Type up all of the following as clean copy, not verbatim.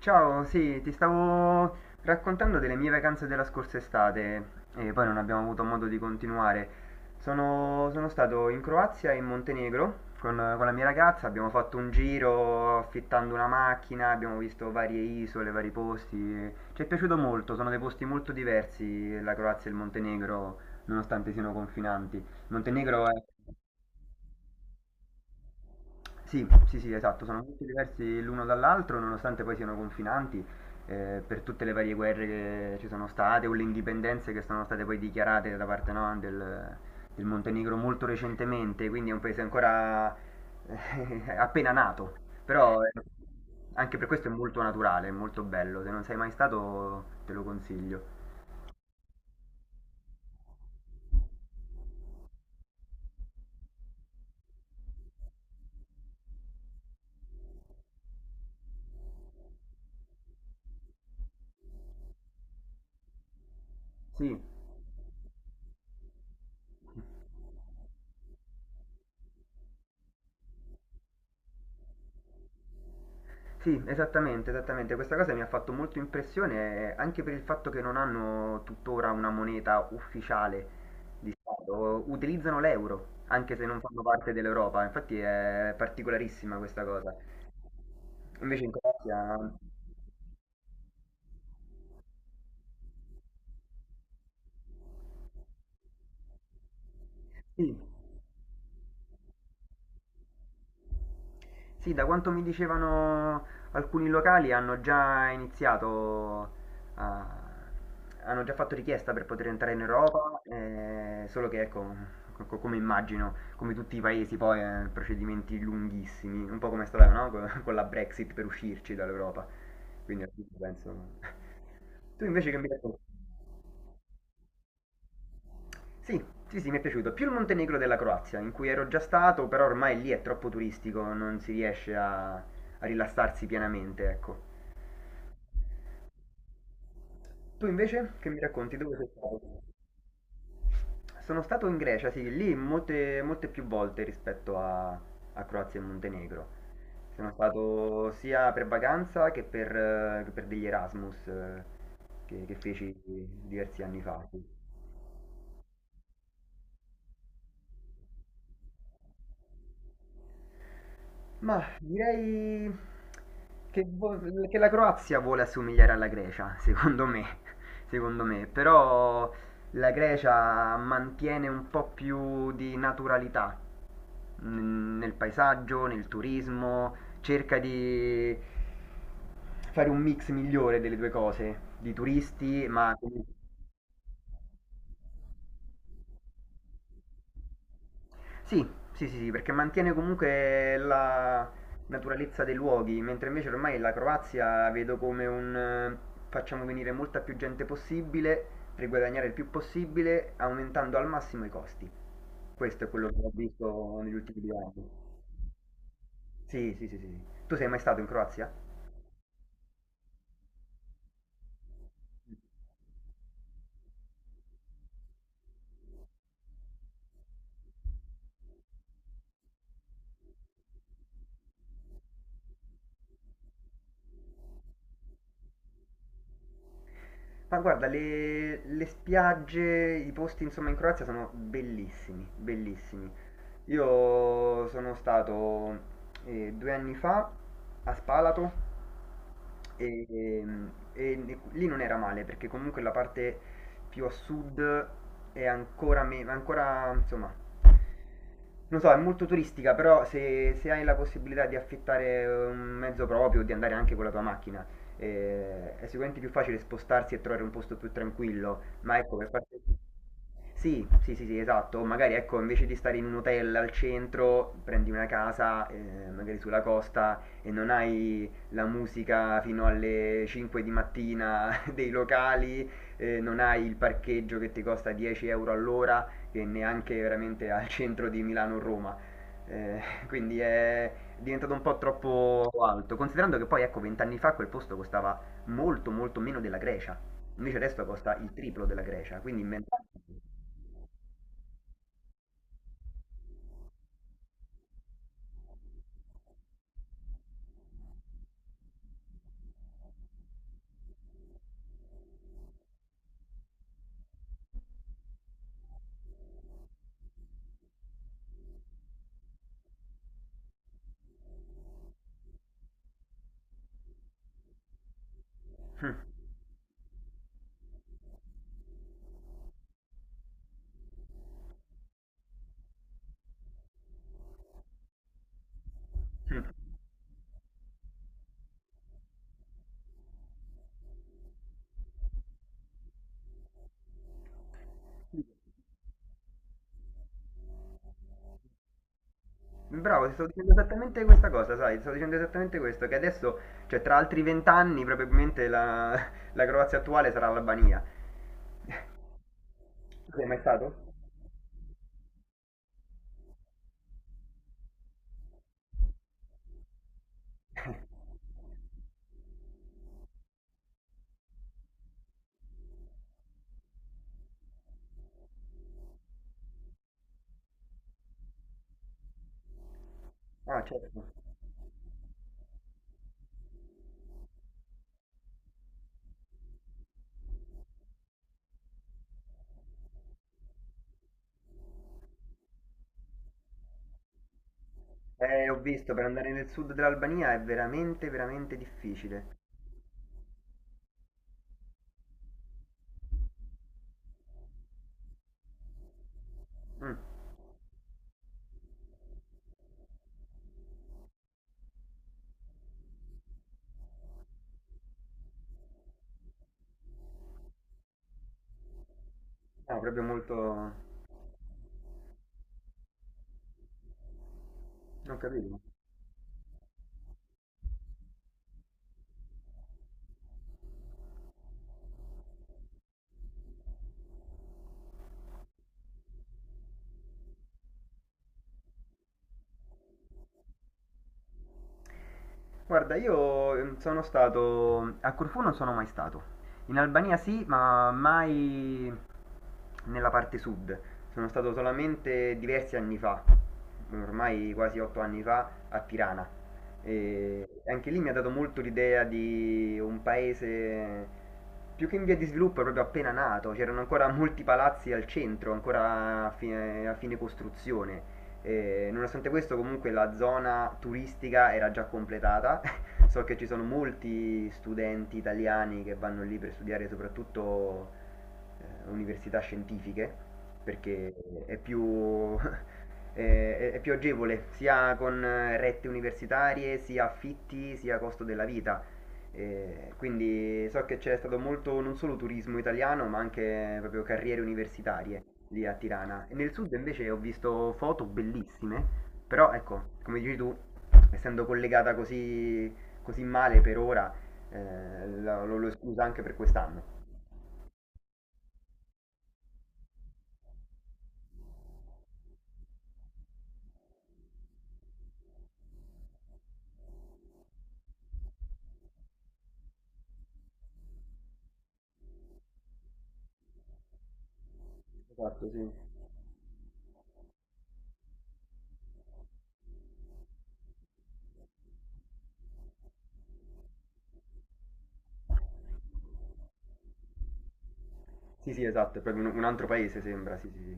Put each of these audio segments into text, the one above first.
Ciao, sì, ti stavo raccontando delle mie vacanze della scorsa estate e poi non abbiamo avuto modo di continuare. Sono stato in Croazia e in Montenegro con la mia ragazza, abbiamo fatto un giro affittando una macchina, abbiamo visto varie isole, vari posti. Ci è piaciuto molto, sono dei posti molto diversi la Croazia e il Montenegro, nonostante siano confinanti. Il Montenegro è... Sì, sì, sì, esatto, sono molto diversi l'uno dall'altro, nonostante poi siano confinanti, per tutte le varie guerre che ci sono state o le indipendenze che sono state poi dichiarate da parte, no, del Montenegro molto recentemente, quindi è un paese ancora appena nato, però anche per questo è molto naturale, è molto bello, se non sei mai stato te lo consiglio. Sì. Sì, esattamente, esattamente. Questa cosa mi ha fatto molto impressione anche per il fatto che non hanno tuttora una moneta ufficiale di Stato, utilizzano l'euro, anche se non fanno parte dell'Europa, infatti è particolarissima questa cosa. Invece in Croazia, sì. Sì, da quanto mi dicevano alcuni locali hanno già iniziato a hanno già fatto richiesta per poter entrare in Europa, solo che ecco, come immagino, come tutti i paesi poi, procedimenti lunghissimi, un po' come è stata, no? Con la Brexit per uscirci dall'Europa. Quindi alla fine penso... Tu invece che mi racconti? Sì, sì, sì, mi è piaciuto. Più il Montenegro della Croazia, in cui ero già stato, però ormai lì è troppo turistico, non si riesce a rilassarsi pienamente, ecco. Tu invece che mi racconti dove sei stato? Sono stato in Grecia, sì, lì molte, molte più volte rispetto a Croazia e Montenegro. Sono stato sia per vacanza che per degli Erasmus che feci diversi anni fa. Ma direi che, vo- che la Croazia vuole assomigliare alla Grecia, secondo me, secondo me, però la Grecia mantiene un po' più di naturalità nel paesaggio, nel turismo, cerca di fare un mix migliore delle due cose, di turisti, ma sì, sì, sì, sì, perché mantiene comunque la naturalezza dei luoghi, mentre invece ormai la Croazia vedo come un facciamo venire molta più gente possibile per guadagnare il più possibile, aumentando al massimo i costi. Questo è quello che ho visto negli ultimi due anni. Sì, sì, sì, sì, sì. Tu sei mai stato in Croazia? Ma guarda, le spiagge, i posti insomma in Croazia sono bellissimi, bellissimi. Io sono stato due anni fa a Spalato e, lì non era male perché comunque la parte più a sud è ancora, ancora insomma, non so, è molto turistica, però se hai la possibilità di affittare un mezzo proprio, di andare anche con la tua macchina, è sicuramente più facile spostarsi e trovare un posto più tranquillo, ma ecco, per parte... Sì, sì, sì, sì, esatto, magari ecco, invece di stare in un hotel al centro, prendi una casa, magari sulla costa e non hai la musica fino alle 5 di mattina dei locali, non hai il parcheggio che ti costa 10 € all'ora e neanche veramente al centro di Milano o Roma. Eh, quindi è diventato un po' troppo alto, considerando che poi ecco vent'anni fa quel posto costava molto molto meno della Grecia, invece adesso costa il triplo della Grecia, quindi in 20 anni. Bravo, ti sto dicendo esattamente questa cosa, sai, ti sto dicendo esattamente questo, che adesso, cioè tra altri vent'anni probabilmente la Croazia attuale sarà l'Albania. Tu sei mai stato? Ah, certo. Ho visto, per andare nel sud dell'Albania è veramente, veramente difficile. Mm. No, proprio molto... non capivo. Guarda, io sono stato... a Corfù non sono mai stato. In Albania sì, ma mai... nella parte sud. Sono stato solamente diversi anni fa, ormai quasi 8 anni fa, a Tirana. E anche lì mi ha dato molto l'idea di un paese più che in via di sviluppo, proprio appena nato. C'erano ancora molti palazzi al centro, ancora a fine costruzione. E nonostante questo, comunque la zona turistica era già completata. So che ci sono molti studenti italiani che vanno lì per studiare soprattutto università scientifiche perché è più, è più agevole sia con rette universitarie, sia affitti, sia costo della vita. Quindi so che c'è stato molto non solo turismo italiano, ma anche proprio carriere universitarie lì a Tirana. E nel sud invece ho visto foto bellissime, però ecco, come dici tu, essendo collegata così, così male per ora, lo scusa anche per quest'anno. Esatto, sì. Sì, sì, esatto, è proprio un altro paese sembra, sì, sì, sì.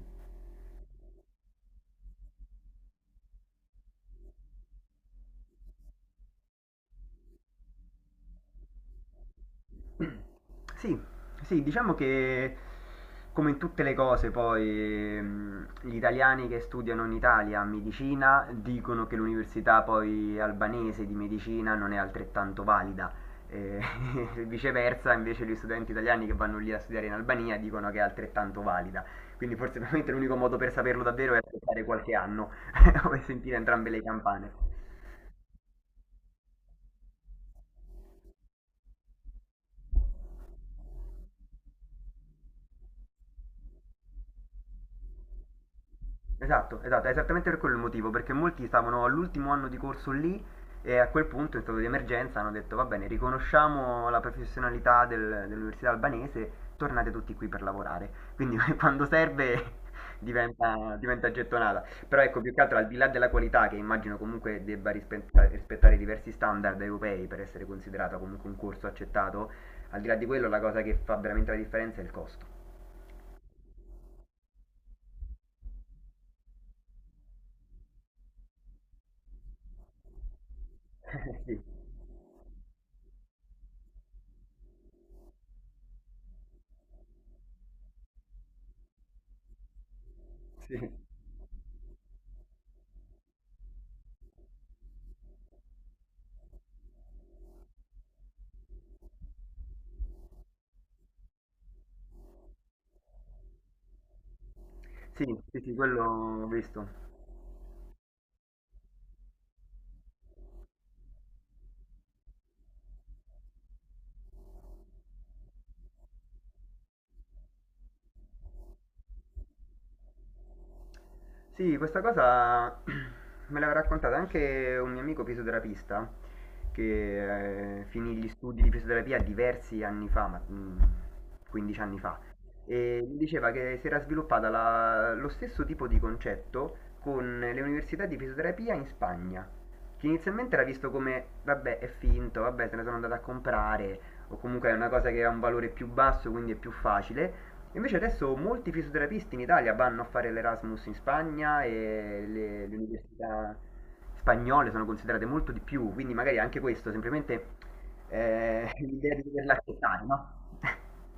Sì, sì, diciamo che come in tutte le cose poi gli italiani che studiano in Italia medicina dicono che l'università poi albanese di medicina non è altrettanto valida. E viceversa, invece, gli studenti italiani che vanno lì a studiare in Albania dicono che è altrettanto valida. Quindi forse veramente l'unico modo per saperlo davvero è aspettare qualche anno o sentire entrambe le campane. Esatto, esatto, è esattamente per quello il motivo, perché molti stavano all'ultimo anno di corso lì e a quel punto in stato di emergenza hanno detto va bene, riconosciamo la professionalità dell'università albanese, tornate tutti qui per lavorare. Quindi quando serve diventa, diventa gettonata. Però ecco, più che altro al di là della qualità, che immagino comunque debba rispettare diversi standard europei per essere considerata comunque un corso accettato, al di là di quello la cosa che fa veramente la differenza è il costo. Sì, sì. Sì, sì, sì, quello ho visto. Sì, questa cosa me l'aveva raccontata anche un mio amico fisioterapista che finì gli studi di fisioterapia diversi anni fa, 15 anni fa, e mi diceva che si era sviluppata lo stesso tipo di concetto con le università di fisioterapia in Spagna, che inizialmente era visto come, vabbè, è finto, vabbè, se ne sono andato a comprare, o comunque è una cosa che ha un valore più basso, quindi è più facile. Invece adesso molti fisioterapisti in Italia vanno a fare l'Erasmus in Spagna e le università spagnole sono considerate molto di più, quindi magari anche questo, semplicemente l'idea di doverla accettare, no?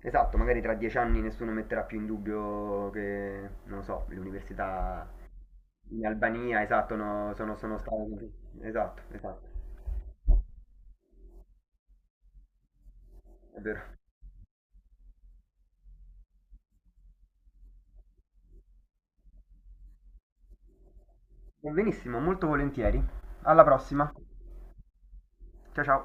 Esatto, magari tra 10 anni nessuno metterà più in dubbio che, non lo so, le università in Albania, esatto, no, sono, sono state... Esatto, esatto, è vero. Benissimo, molto volentieri. Alla prossima. Ciao ciao.